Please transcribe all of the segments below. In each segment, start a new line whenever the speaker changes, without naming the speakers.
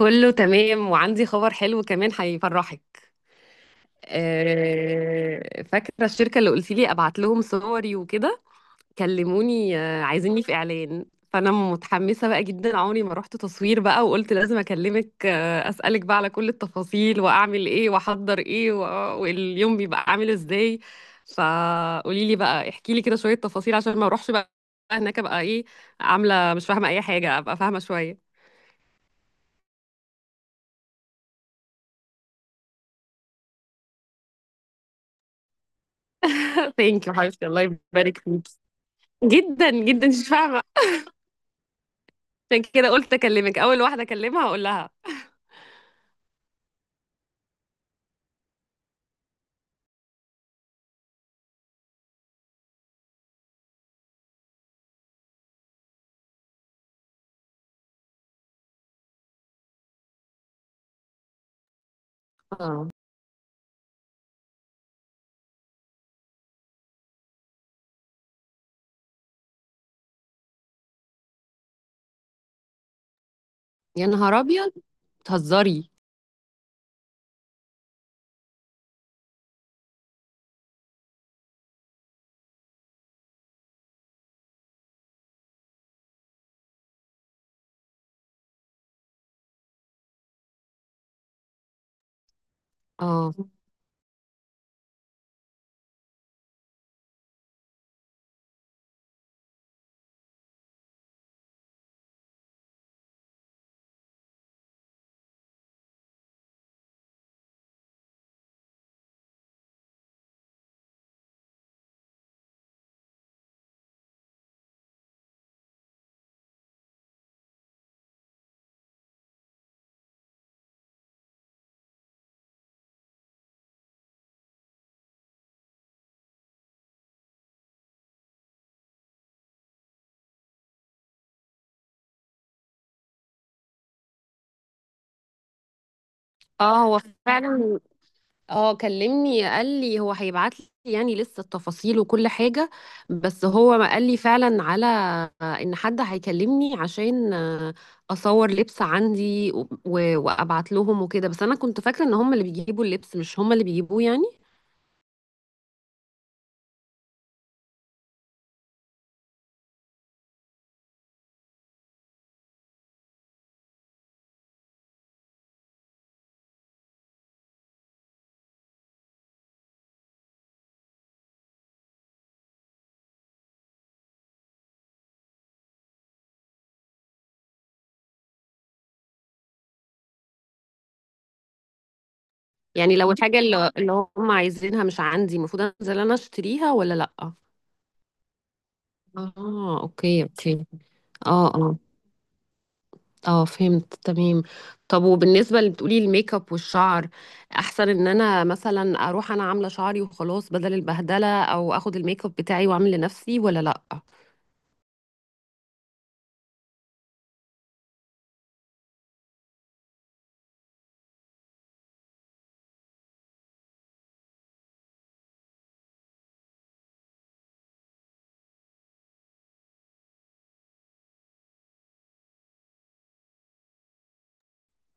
كله تمام، وعندي خبر حلو كمان هيفرحك. فاكرة الشركة اللي قلت لي ابعت لهم صوري وكده؟ كلموني، عايزيني في اعلان. فانا متحمسة بقى جدا، عمري ما رحت تصوير بقى، وقلت لازم اكلمك، اسألك بقى على كل التفاصيل، واعمل ايه، واحضر ايه، واليوم بيبقى عامل ازاي. فقولي لي بقى، احكي لي كده شوية تفاصيل عشان ما اروحش بقى هناك ابقى ايه، عاملة مش فاهمة اي حاجة، ابقى فاهمة شوية. ثانك يو حبيبتي، الله يبارك فيك. جدًا، جدًا، مش فاهمة. عشان كده قُلت أكلمِك، أول واحدة أكلمها هاقول لها. آه، يا نهار أبيض! بتهزري! آه. آه، هو فعلًا. آه، كلمني قال لي هو هيبعت لي يعني لسه التفاصيل وكل حاجة، بس هو ما قال لي فعلًا على إن حد هيكلمني عشان أصور لبس عندي وأبعت لهم وكده. بس أنا كنت فاكرة إن هم اللي بيجيبوا اللبس، مش هم اللي بيجيبوه يعني؟ يعني لو الحاجة اللي هم عايزينها مش عندي، المفروض انزل انا اشتريها ولا لأ؟ اه، اوكي اوكي. اه اه، اه فهمت تمام. طب وبالنسبة اللي بتقولي الميك اب والشعر، احسن ان انا مثلا اروح انا عاملة شعري وخلاص بدل البهدلة، او اخد الميك اب بتاعي واعمل لنفسي ولا لأ؟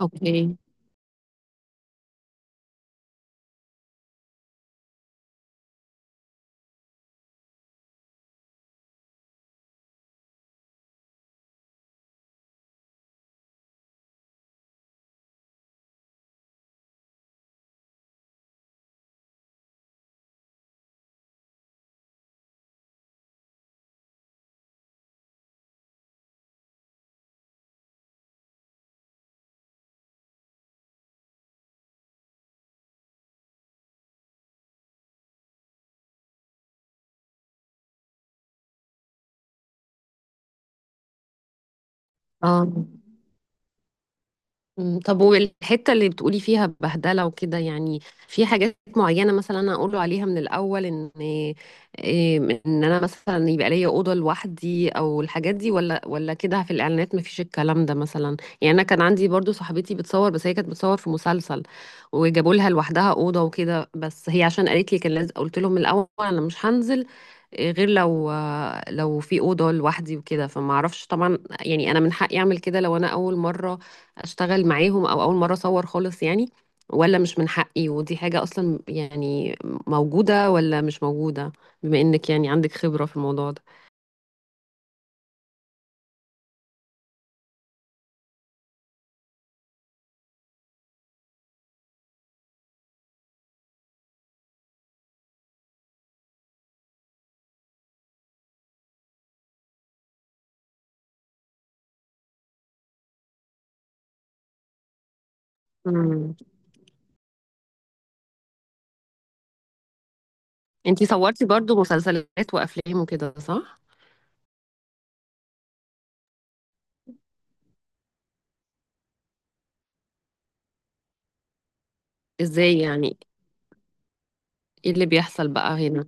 اوكي. اه. مم. طب والحتة اللي بتقولي فيها بهدلة وكده، يعني في حاجات معينة مثلا أنا أقوله عليها من الأول، إن إيه، إن أنا مثلا يبقى ليا أوضة لوحدي أو الحاجات دي ولا كده في الإعلانات مفيش الكلام ده مثلا؟ يعني أنا كان عندي برضو صاحبتي بتصور، بس هي كانت بتصور في مسلسل، وجابوا لها لوحدها أوضة وكده، بس هي عشان قالت لي كان لازم قلت لهم من الأول أنا مش هنزل غير لو في اوضه لوحدي وكده. فما اعرفش طبعا يعني، انا من حقي اعمل كده لو انا اول مره اشتغل معاهم او اول مره اصور خالص يعني، ولا مش من حقي، ودي حاجه اصلا يعني موجوده ولا مش موجوده، بما انك يعني عندك خبره في الموضوع ده؟ امم. انتي صورتي برضو مسلسلات وافلام وكده، صح؟ ازاي يعني؟ ايه اللي بيحصل بقى هنا؟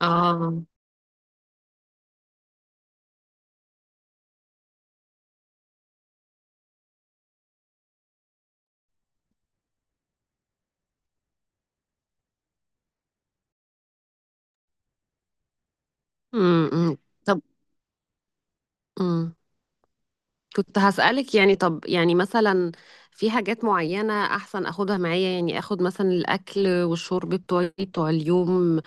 اه. امم طب. مم. كنت هسألك يعني، طب يعني مثلا في حاجات معينة أحسن أخدها معايا، يعني أخد مثلا الأكل والشرب بتوعي بتوع اليوم،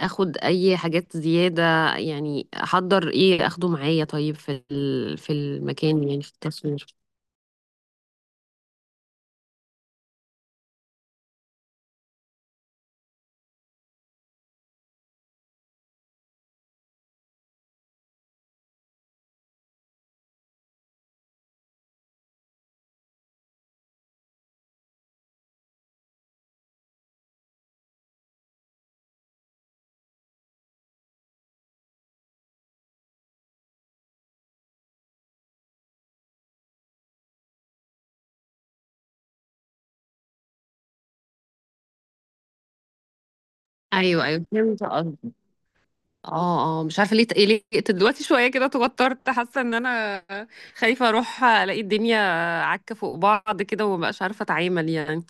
أخد أي حاجات زيادة، يعني أحضر إيه أخده معايا طيب في ال- في المكان يعني في التصوير؟ ايوه ايوه، فهمت قصدي. اه اه، مش عارفه ليه قلقت دلوقتي شويه كده، توترت، حاسه ان انا خايفه اروح الاقي الدنيا عكه فوق بعض كده ومبقاش عارفه اتعامل يعني.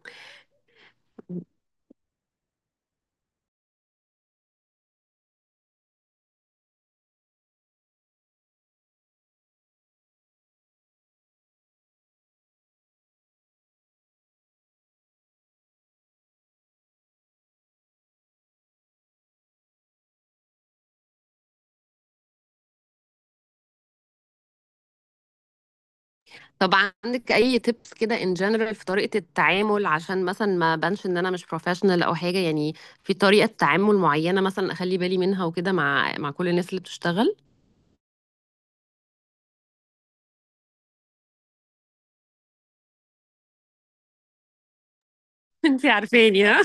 طب عندك اي تيبس كده ان جنرال في طريقة التعامل، عشان مثلا ما بانش ان انا مش بروفيشنال او حاجة يعني، في طريقة تعامل معينة مثلا اخلي بالي منها وكده مع كل الناس اللي بتشتغل؟ انتي عارفاني، ها.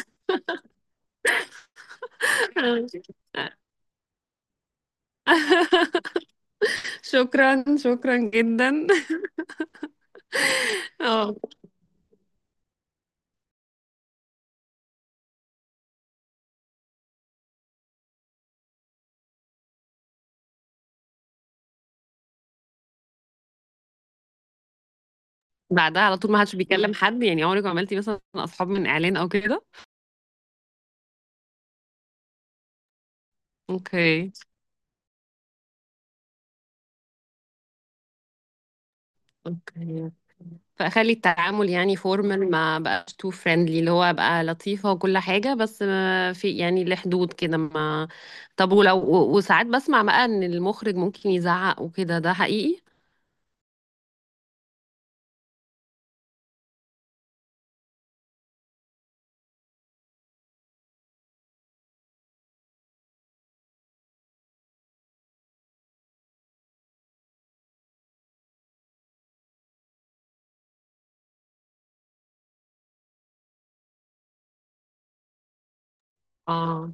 شكرا، شكرا جدا. اه. بعدها على طول ما حدش بيكلم حد يعني؟ عمرك ما عملتي مثلا اصحاب من اعلان او كده؟ اوكي، اوكي. فاخلي التعامل يعني فورمال، ما بقاش تو فريندلي، اللي هو ابقى لطيفه وكل حاجه، بس ما في يعني لحدود كده ما. طب ولو وساعات بسمع بقى ان المخرج ممكن يزعق وكده، ده حقيقي؟ اه،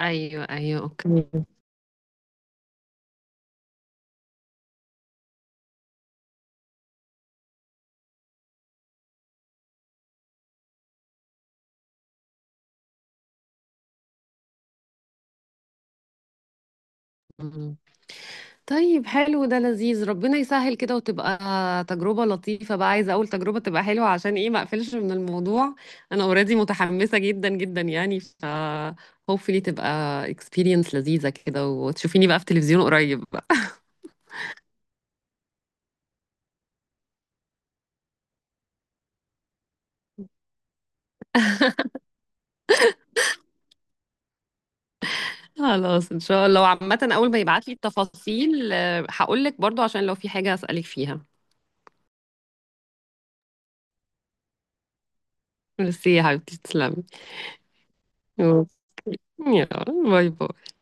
ايوه ايوه، اوكي. طيب، حلو، ده لذيذ. ربنا يسهل كده وتبقى تجربة لطيفة بقى. عايزة أول تجربة تبقى حلوة عشان إيه ما أقفلش من الموضوع. أنا أوريدي متحمسة جدا جدا يعني، ف hopefully تبقى experience لذيذة كده، وتشوفيني بقى في تلفزيون قريب بقى. خلاص إن شاء الله. وعامة أول ما يبعتلي التفاصيل هقولك برضو عشان لو في حاجة أسألك فيها. ميرسي يا حبيبتي، تسلمي. يلا، باي باي.